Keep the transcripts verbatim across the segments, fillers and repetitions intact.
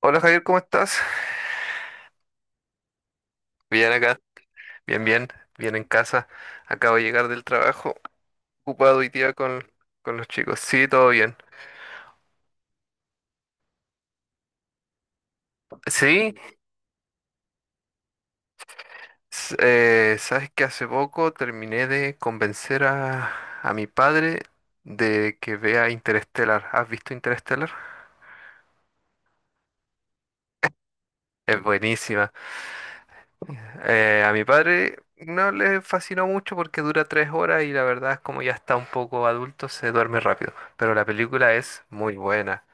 Hola Javier, ¿cómo estás? Bien acá, bien, bien, bien en casa. Acabo de llegar del trabajo, ocupado y día con, con los chicos. Sí, todo bien. Sí, s- eh, sabes que hace poco terminé de convencer a, a mi padre de que vea Interestelar. ¿Has visto Interestelar? Es buenísima. Eh, a mi padre no le fascinó mucho porque dura tres horas y la verdad es como ya está un poco adulto, se duerme rápido. Pero la película es muy buena,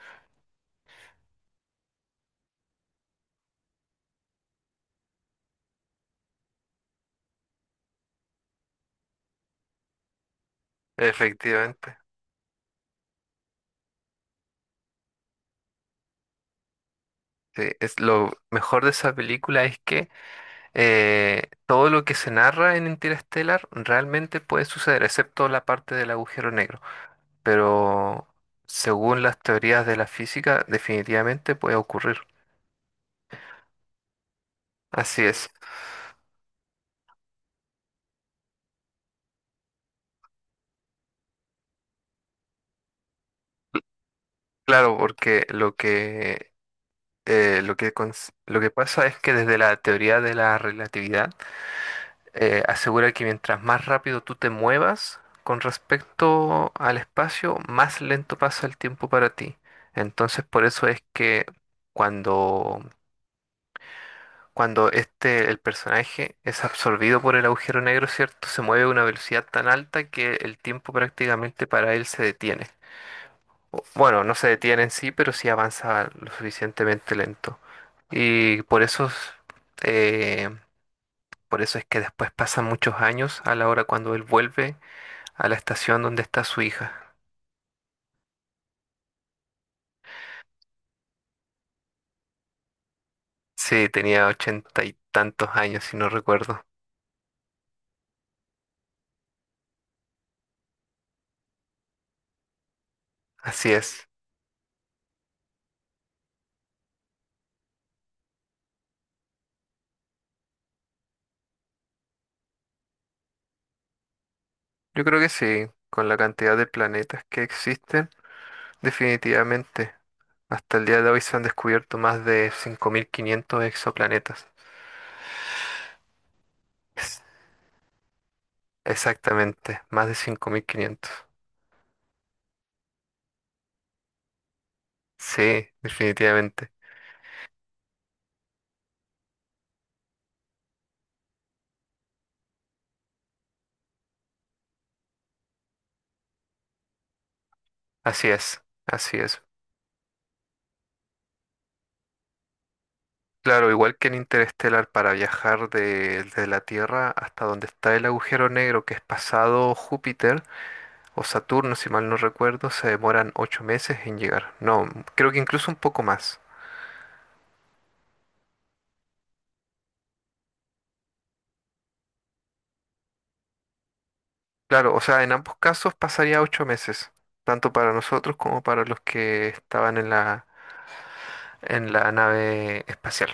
efectivamente. Sí, es lo mejor de esa película es que eh, todo lo que se narra en Interstellar realmente puede suceder, excepto la parte del agujero negro. Pero según las teorías de la física, definitivamente puede ocurrir. Así es. Claro, porque lo que, eh, lo que, cons- lo que pasa es que desde la teoría de la relatividad, eh, asegura que mientras más rápido tú te muevas con respecto al espacio, más lento pasa el tiempo para ti. Entonces, por eso es que cuando, cuando este, el personaje es absorbido por el agujero negro, ¿cierto? Se mueve a una velocidad tan alta que el tiempo prácticamente para él se detiene. O- Bueno, no se detiene en sí, pero sí avanza lo suficientemente lento. Y por eso, eh, por eso es que después pasan muchos años a la hora cuando él vuelve a la estación donde está su hija. Sí, tenía ochenta y tantos años, si no recuerdo. Así es. Yo creo que sí, con la cantidad de planetas que existen, definitivamente. Hasta el día de hoy se han descubierto más de cinco mil quinientos exoplanetas. Es- Exactamente, más de cinco mil quinientos. Sí, definitivamente. Así es, así es. Claro, igual que en Interestelar, para viajar de, de la Tierra hasta donde está el agujero negro que es pasado Júpiter, o Saturno, si mal no recuerdo, se demoran ocho meses en llegar. No, creo que incluso un poco más. Claro, o sea, en ambos casos pasaría ocho meses, tanto para nosotros como para los que estaban en la, en la nave espacial.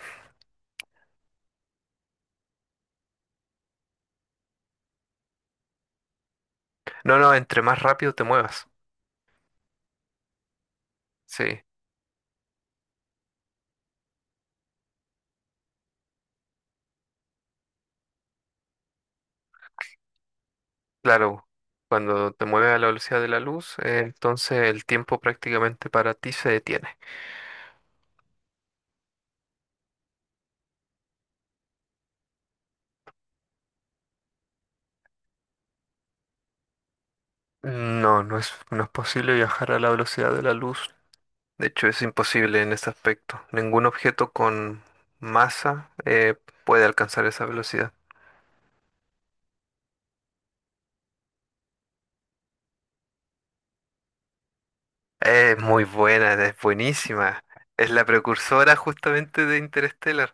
No, no, entre más rápido te muevas. Sí, claro, cuando te mueves a la velocidad de la luz, eh, entonces el tiempo prácticamente para ti se detiene. No, no es, no es posible viajar a la velocidad de la luz. De hecho, es imposible en este aspecto. Ningún objeto con masa eh, puede alcanzar esa velocidad. Es muy buena, es buenísima. Es la precursora justamente de Interstellar.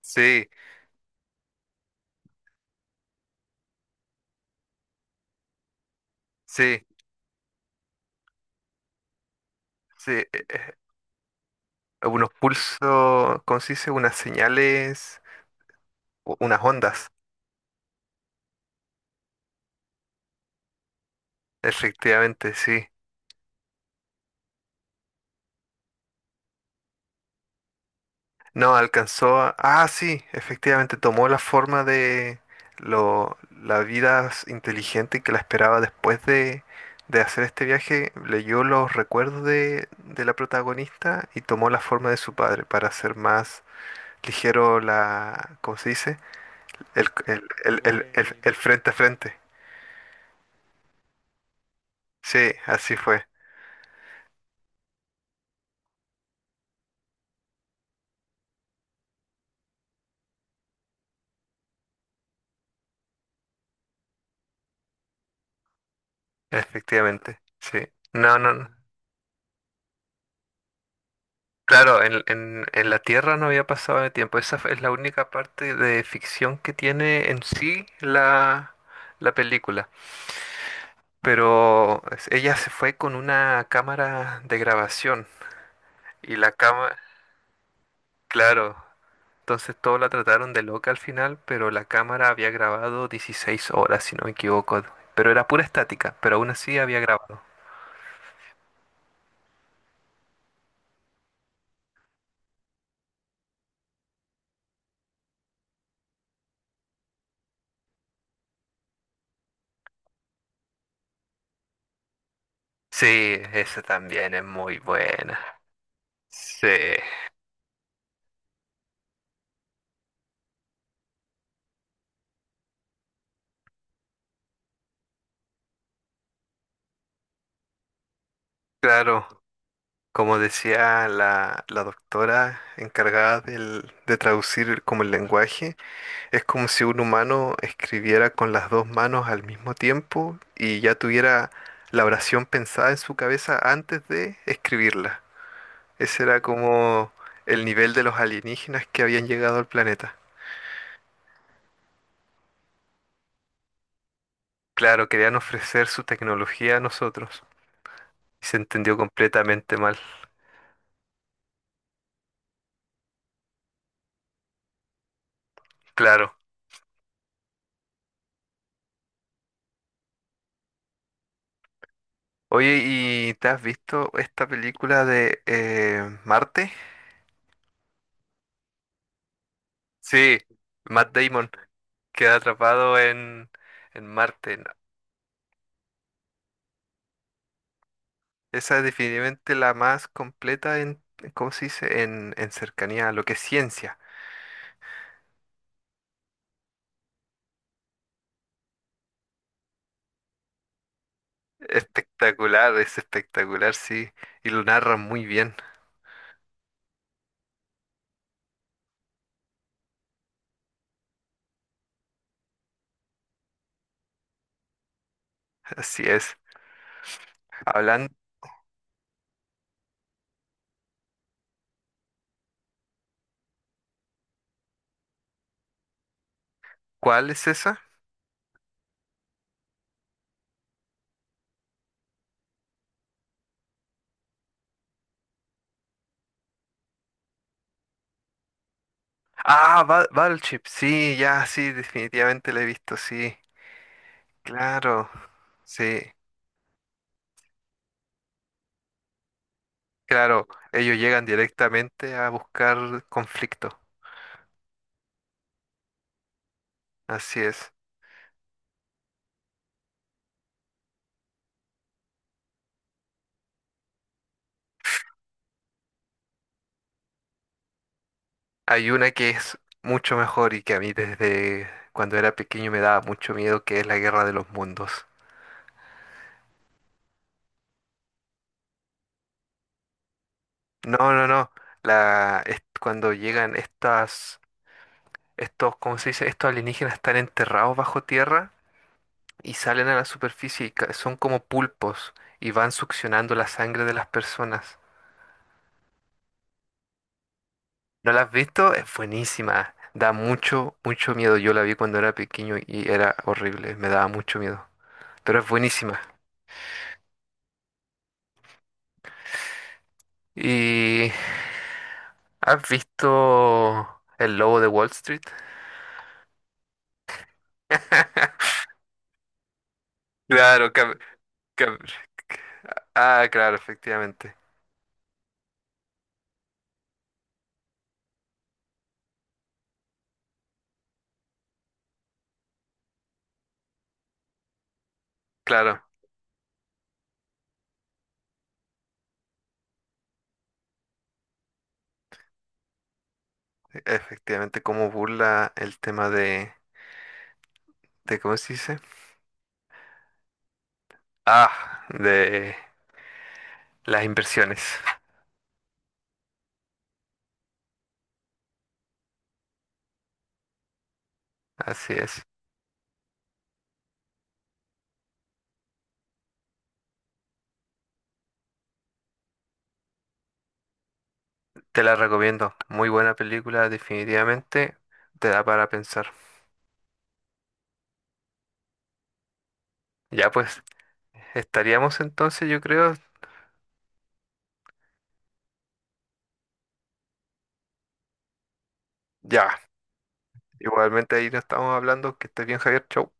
Sí, sí, sí. eh, eh, unos pulsos, ¿cómo se dice? Unas señales, u- unas ondas. Efectivamente, sí. No, alcanzó a... Ah, sí, efectivamente, tomó la forma de lo... la vida s- inteligente que la esperaba después de, de hacer este viaje. Leyó los recuerdos de, de la protagonista y tomó la forma de su padre para hacer más ligero la... ¿Cómo se dice? El, el, el, el, el- el Buena. Frente a frente. Sí, así fue, efectivamente. Sí. No, no, no. Claro, en, en- en la Tierra no había pasado de tiempo. Esa es la única parte de ficción que tiene en sí la, la película. Pero es- ella se fue con una cámara de grabación y la cámara, claro, entonces todos la trataron de loca al final, pero la cámara había grabado dieciséis horas, si no me equivoco. Pero era pura estática, pero aún así había grabado. Sí, esa también es muy buena. Sí, claro. Como decía la, la doctora encargada del- de traducir el- como el lenguaje, es como si un humano escribiera con las dos manos al mismo tiempo y ya tuviera la oración pensada en su cabeza antes de escribirla. Ese era como el nivel de los alienígenas que habían llegado al planeta. Claro, querían ofrecer su tecnología a nosotros y se entendió completamente mal. Claro. Oye, ¿y te has visto esta película de eh, Marte? Sí, Matt Damon queda atrapado en, en Marte. No, esa es definitivamente la más completa en, ¿cómo se dice? En, en cercanía a lo que es ciencia. Espectacular, es espectacular, sí. Y lo narra muy bien, así es. Hablan, ¿cuál es esa? Ah, Ba- Battleship, sí, ya, sí, definitivamente la he visto, sí. Claro, sí, claro. Ellos llegan directamente a buscar conflicto, así es. Hay una que es mucho mejor y que a mí desde cuando era pequeño me daba mucho miedo, que es la Guerra de los Mundos. No, no, no. La, es cuando llegan estas, estos, ¿cómo se dice? Estos alienígenas están enterrados bajo tierra y salen a la superficie y ca- son como pulpos y van succionando la sangre de las personas. ¿No la has visto? Es buenísima. Da mucho, mucho miedo. Yo la vi cuando era pequeño y era horrible. Me daba mucho miedo. Pero es buenísima. ¿Y has visto El Lobo de Wall Street? Claro, cam- cam- ah, claro, efectivamente. Claro, efectivamente, cómo burla el tema de, de ¿cómo se dice? Ah, de las inversiones. Así es. Te la recomiendo. Muy buena película, definitivamente. Te da para pensar. Ya pues, estaríamos entonces, yo creo. Ya. Igualmente ahí nos estamos hablando. Que estés bien, Javier. Chau.